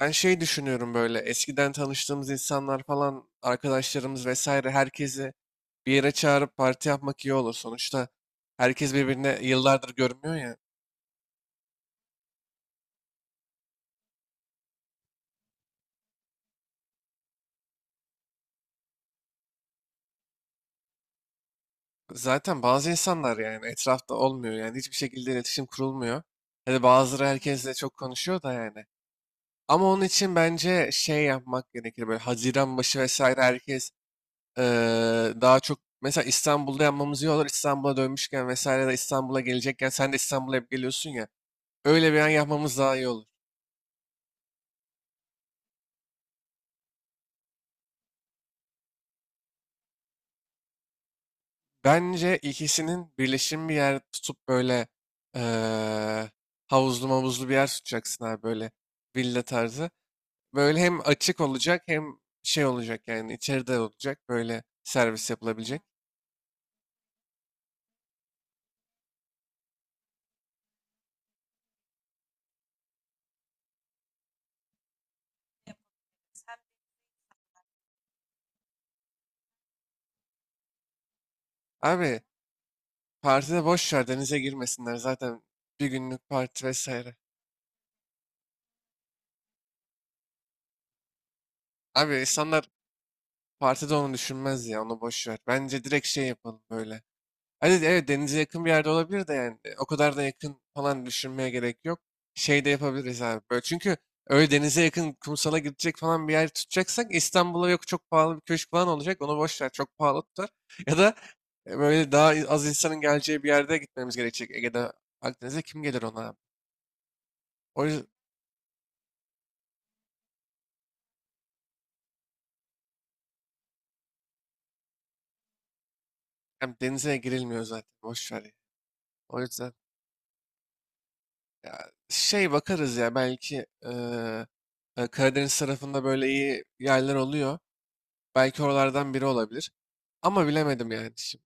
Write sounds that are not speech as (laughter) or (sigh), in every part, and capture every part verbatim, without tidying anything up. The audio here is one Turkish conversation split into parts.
Ben şey düşünüyorum böyle eskiden tanıştığımız insanlar falan arkadaşlarımız vesaire herkesi bir yere çağırıp parti yapmak iyi olur. Sonuçta herkes birbirine yıllardır görmüyor ya. Zaten bazı insanlar yani etrafta olmuyor yani hiçbir şekilde iletişim kurulmuyor. Hani bazıları herkesle çok konuşuyor da yani. Ama onun için bence şey yapmak gerekir böyle Haziran başı vesaire herkes eee, daha çok mesela İstanbul'da yapmamız iyi olur. İstanbul'a dönmüşken vesaire de İstanbul'a gelecekken sen de İstanbul'a hep geliyorsun ya. Öyle bir an yapmamız daha iyi olur. Bence ikisinin birleşimi bir yer tutup böyle eee havuzlu mavuzlu bir yer tutacaksın abi böyle villa tarzı. Böyle hem açık olacak hem şey olacak yani içeride olacak böyle servis yapılabilecek. Abi partide boş ver denize girmesinler zaten bir günlük parti vesaire. Abi insanlar partide onu düşünmez ya onu boş ver. Bence direkt şey yapalım böyle. Hani evet denize yakın bir yerde olabilir de yani e, o kadar da yakın falan düşünmeye gerek yok. Şey de yapabiliriz abi böyle. Çünkü öyle denize yakın kumsala gidecek falan bir yer tutacaksak İstanbul'a yok çok pahalı bir köşk falan olacak. Onu boş ver çok pahalı tutar. (laughs) Ya da e, böyle daha az insanın geleceği bir yerde gitmemiz gerekecek. Ege'de Akdeniz'e kim gelir ona abi? O yüzden hem denize girilmiyor zaten boş ver ya. O yüzden ya, şey bakarız ya belki e, e, Karadeniz tarafında böyle iyi yerler oluyor. Belki oralardan biri olabilir. Ama bilemedim yani şimdi.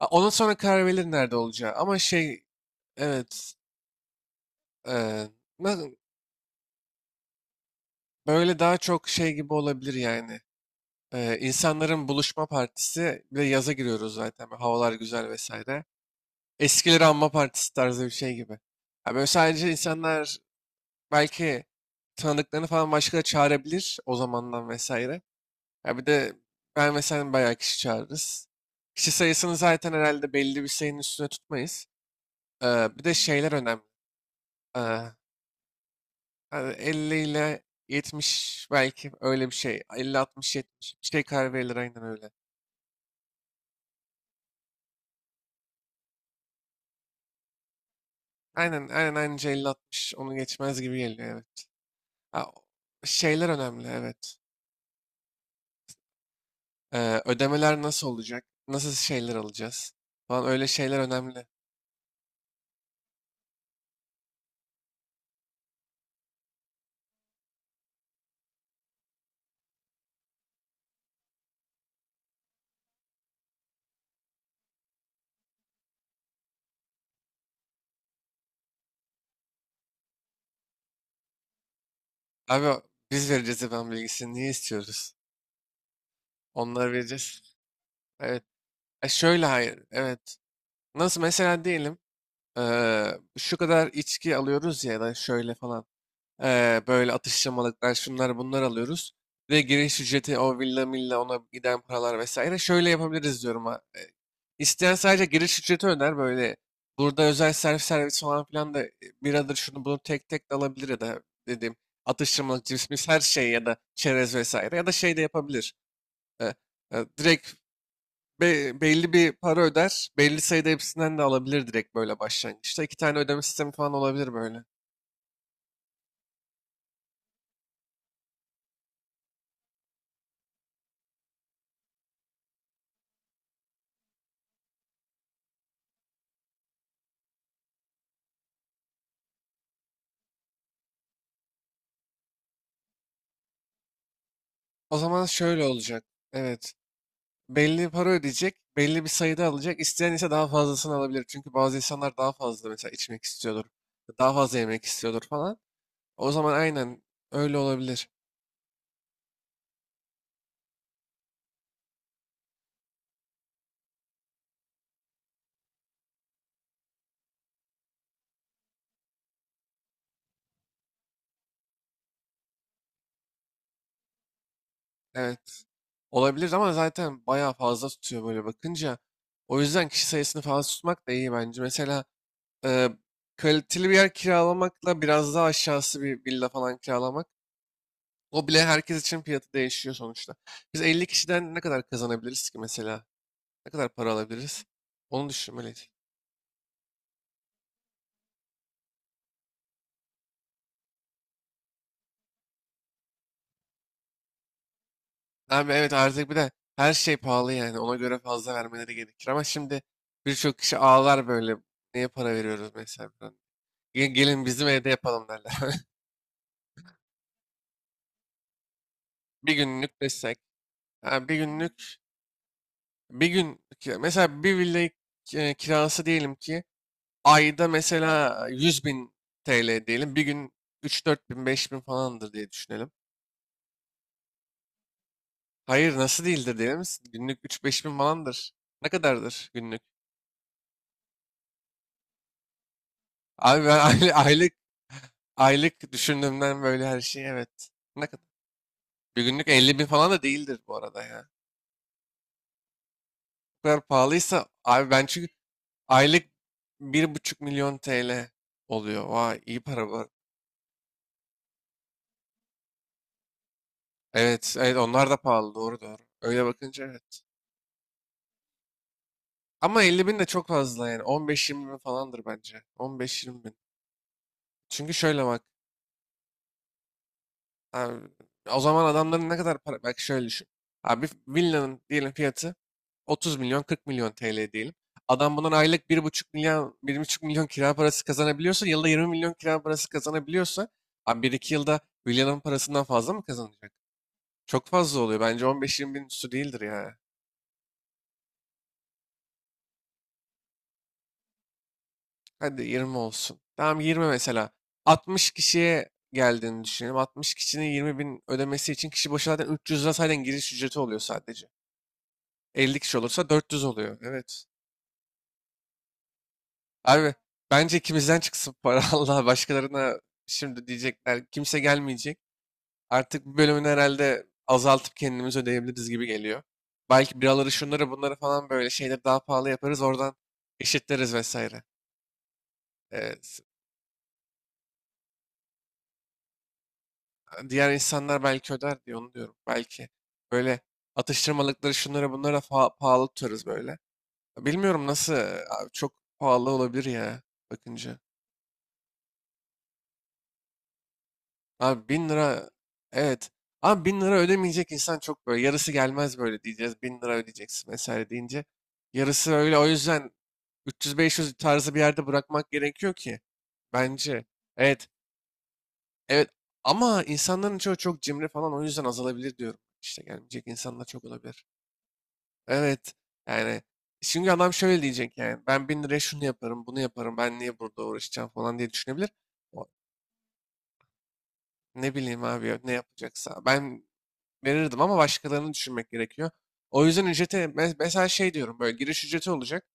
A- Ondan sonra karar verilir nerede olacağı. Ama şey evet e, na- böyle daha çok şey gibi olabilir yani. E, insanların buluşma partisi bir de yaza giriyoruz zaten. Böyle havalar güzel vesaire. Eskileri anma partisi tarzı bir şey gibi. Ya böyle sadece insanlar belki tanıdıklarını falan başka da çağırabilir o zamandan vesaire. Ya bir de ben ve sen bayağı kişi çağırırız. Kişi sayısını zaten herhalde belli bir sayının üstüne tutmayız. Ee, bir de şeyler önemli. Ee, hani elli ile yetmiş belki öyle bir şey. elli, altmış, yetmiş bir şey karar verilir aynen öyle. Aynen aynen anca elli, altmış onu geçmez gibi geliyor evet. Ha, o- şeyler önemli evet. Ee, ödemeler nasıl olacak? Nasıl şeyler alacağız? Falan öyle şeyler önemli. Abi o- biz vereceğiz ben bilgisini niye istiyoruz? Onları vereceğiz. Evet. E şöyle hayır. Evet. Nasıl mesela diyelim eee, şu kadar içki alıyoruz ya ya da şöyle falan. Eee, böyle atıştırmalıklar şunlar bunlar alıyoruz. Ve giriş ücreti o villa milla ona giden paralar vesaire. Şöyle yapabiliriz diyorum. ha, e, İsteyen sadece giriş ücreti öder böyle. Burada özel servis servis falan filan da e, biradır şunu bunu tek tek de alabilir ya da dediğim atıştırmalık cips mis her şey ya da çerez vesaire ya da şey de yapabilir. E, e, direkt Be- belli bir para öder. Belli sayıda hepsinden de alabilir direkt böyle başlangıçta. İki tane ödeme sistemi falan olabilir böyle. O zaman şöyle olacak. Evet. Belli para ödeyecek. Belli bir sayıda alacak. İsteyen ise daha fazlasını alabilir. Çünkü bazı insanlar daha fazla mesela içmek istiyordur. Daha fazla yemek istiyordur falan. O zaman aynen öyle olabilir. Evet. Olabilir ama zaten bayağı fazla tutuyor böyle bakınca. O yüzden kişi sayısını fazla tutmak da iyi bence. Mesela Eee, kaliteli bir yer kiralamakla biraz daha aşağısı bir villa falan kiralamak. O bile herkes için fiyatı değişiyor sonuçta. Biz elli kişiden ne kadar kazanabiliriz ki mesela? Ne kadar para alabiliriz? Onu düşünmeliyiz. Abi evet artık bir de her şey pahalı yani. Ona göre fazla vermeleri gerekir. Ama şimdi birçok kişi ağlar böyle. Neye para veriyoruz mesela? Falan. "Ge- Gelin bizim evde yapalım derler. (laughs) Bir günlük desek. Ha, bir günlük bir gün ki- mesela bir villa kirası diyelim ki ayda mesela yüz bin T L diyelim. Bir gün üç dört bin, beş bin falandır diye düşünelim. Hayır nasıl değildir diyelim. Günlük üç beş bin falandır. Ne kadardır günlük? Abi ben (laughs) aile- aylık aylık düşündüğümden böyle her şey evet. Ne kadar? Bir günlük elli bin falan da değildir bu arada ya. Bu kadar pahalıysa abi ben çünkü aylık bir buçuk milyon T L oluyor. Vay iyi para var. Evet, evet onlar da pahalı doğru doğru. Öyle bakınca evet. Ama elli bin de çok fazla yani. on beş yirmi bin falandır bence. on beş yirmi bin. Çünkü şöyle bak. Abi, o zaman adamların ne kadar para... Bak şöyle düşün. Abi villanın diyelim fiyatı otuz milyon kırk milyon T L diyelim. Adam bundan aylık bir buçuk milyon bir buçuk milyon kira parası kazanabiliyorsa yılda yirmi milyon kira parası kazanabiliyorsa abi bir iki yılda villanın parasından fazla mı kazanacak? Çok fazla oluyor. Bence on beş yirmi bin üstü değildir ya. Hadi yirmi olsun. Tamam yirmi mesela. altmış kişiye geldiğini düşünelim. altmış kişinin yirmi bin ödemesi için kişi başı zaten üç yüz lira zaten giriş ücreti oluyor sadece. elli kişi olursa dört yüz oluyor. Evet. Abi bence ikimizden çıksın para (laughs) Allah başkalarına şimdi diyecekler kimse gelmeyecek. Artık bu bölümünü herhalde azaltıp kendimiz ödeyebiliriz gibi geliyor. Belki biraları şunları bunları falan böyle şeyleri daha pahalı yaparız oradan eşitleriz vesaire. Ee, diğer insanlar belki öder diye onu diyorum. Belki böyle atıştırmalıkları şunlara bunlara fa- pahalı tutarız böyle. Bilmiyorum nasıl e, abi çok pahalı olabilir ya bakınca. Abi bin lira evet. Abi bin lira ödemeyecek insan çok böyle yarısı gelmez böyle diyeceğiz. Bin lira ödeyeceksin vesaire deyince. Yarısı öyle o yüzden üç yüz beş yüz tarzı bir yerde bırakmak gerekiyor ki bence. Evet evet ama insanların çoğu çok cimri falan o yüzden azalabilir diyorum. İşte gelmeyecek insanlar çok olabilir. Evet. Yani şimdi adam şöyle diyecek yani ben bin liraya şunu yaparım bunu yaparım ben niye burada uğraşacağım falan diye düşünebilir. O, ne bileyim abi ya, ne yapacaksa. Ben verirdim ama başkalarını düşünmek gerekiyor. O yüzden ücrete me- mesela şey diyorum böyle giriş ücreti olacak.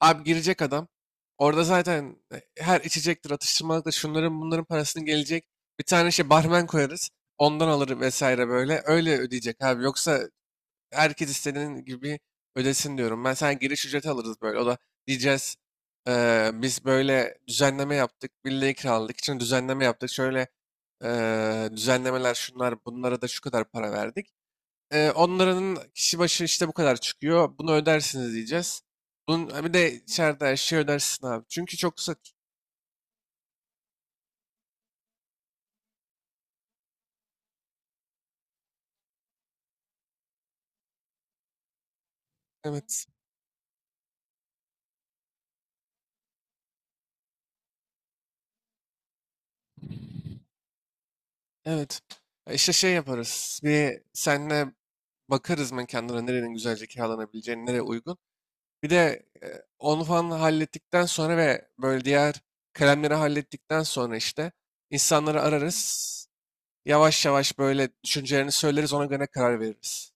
Abi girecek adam orada zaten e, her içecektir atıştırmalıktır şunların bunların parasını gelecek. Bir tane şey barmen koyarız ondan alır vesaire böyle öyle ödeyecek abi yoksa herkes istediğin gibi ödesin diyorum. Ben sana giriş ücreti alırız böyle. O da diyeceğiz "Eee, biz böyle düzenleme yaptık. Birliği kiraladık için düzenleme yaptık. Şöyle eee, düzenlemeler şunlar bunlara da şu kadar para verdik. Eee, onların kişi başı işte bu kadar çıkıyor. Bunu ödersiniz diyeceğiz. Bunun, ha bir de içeride her şeyi ödersin abi. Çünkü çok kısa. Evet. Evet. E İşte şey yaparız. Bir senle bakarız mekanlara nerenin güzelce kiralanabileceğini, nereye uygun. Bir de e, onu falan hallettikten sonra ve böyle diğer kalemleri hallettikten sonra işte insanları ararız. Yavaş yavaş böyle düşüncelerini söyleriz ona göre karar veririz.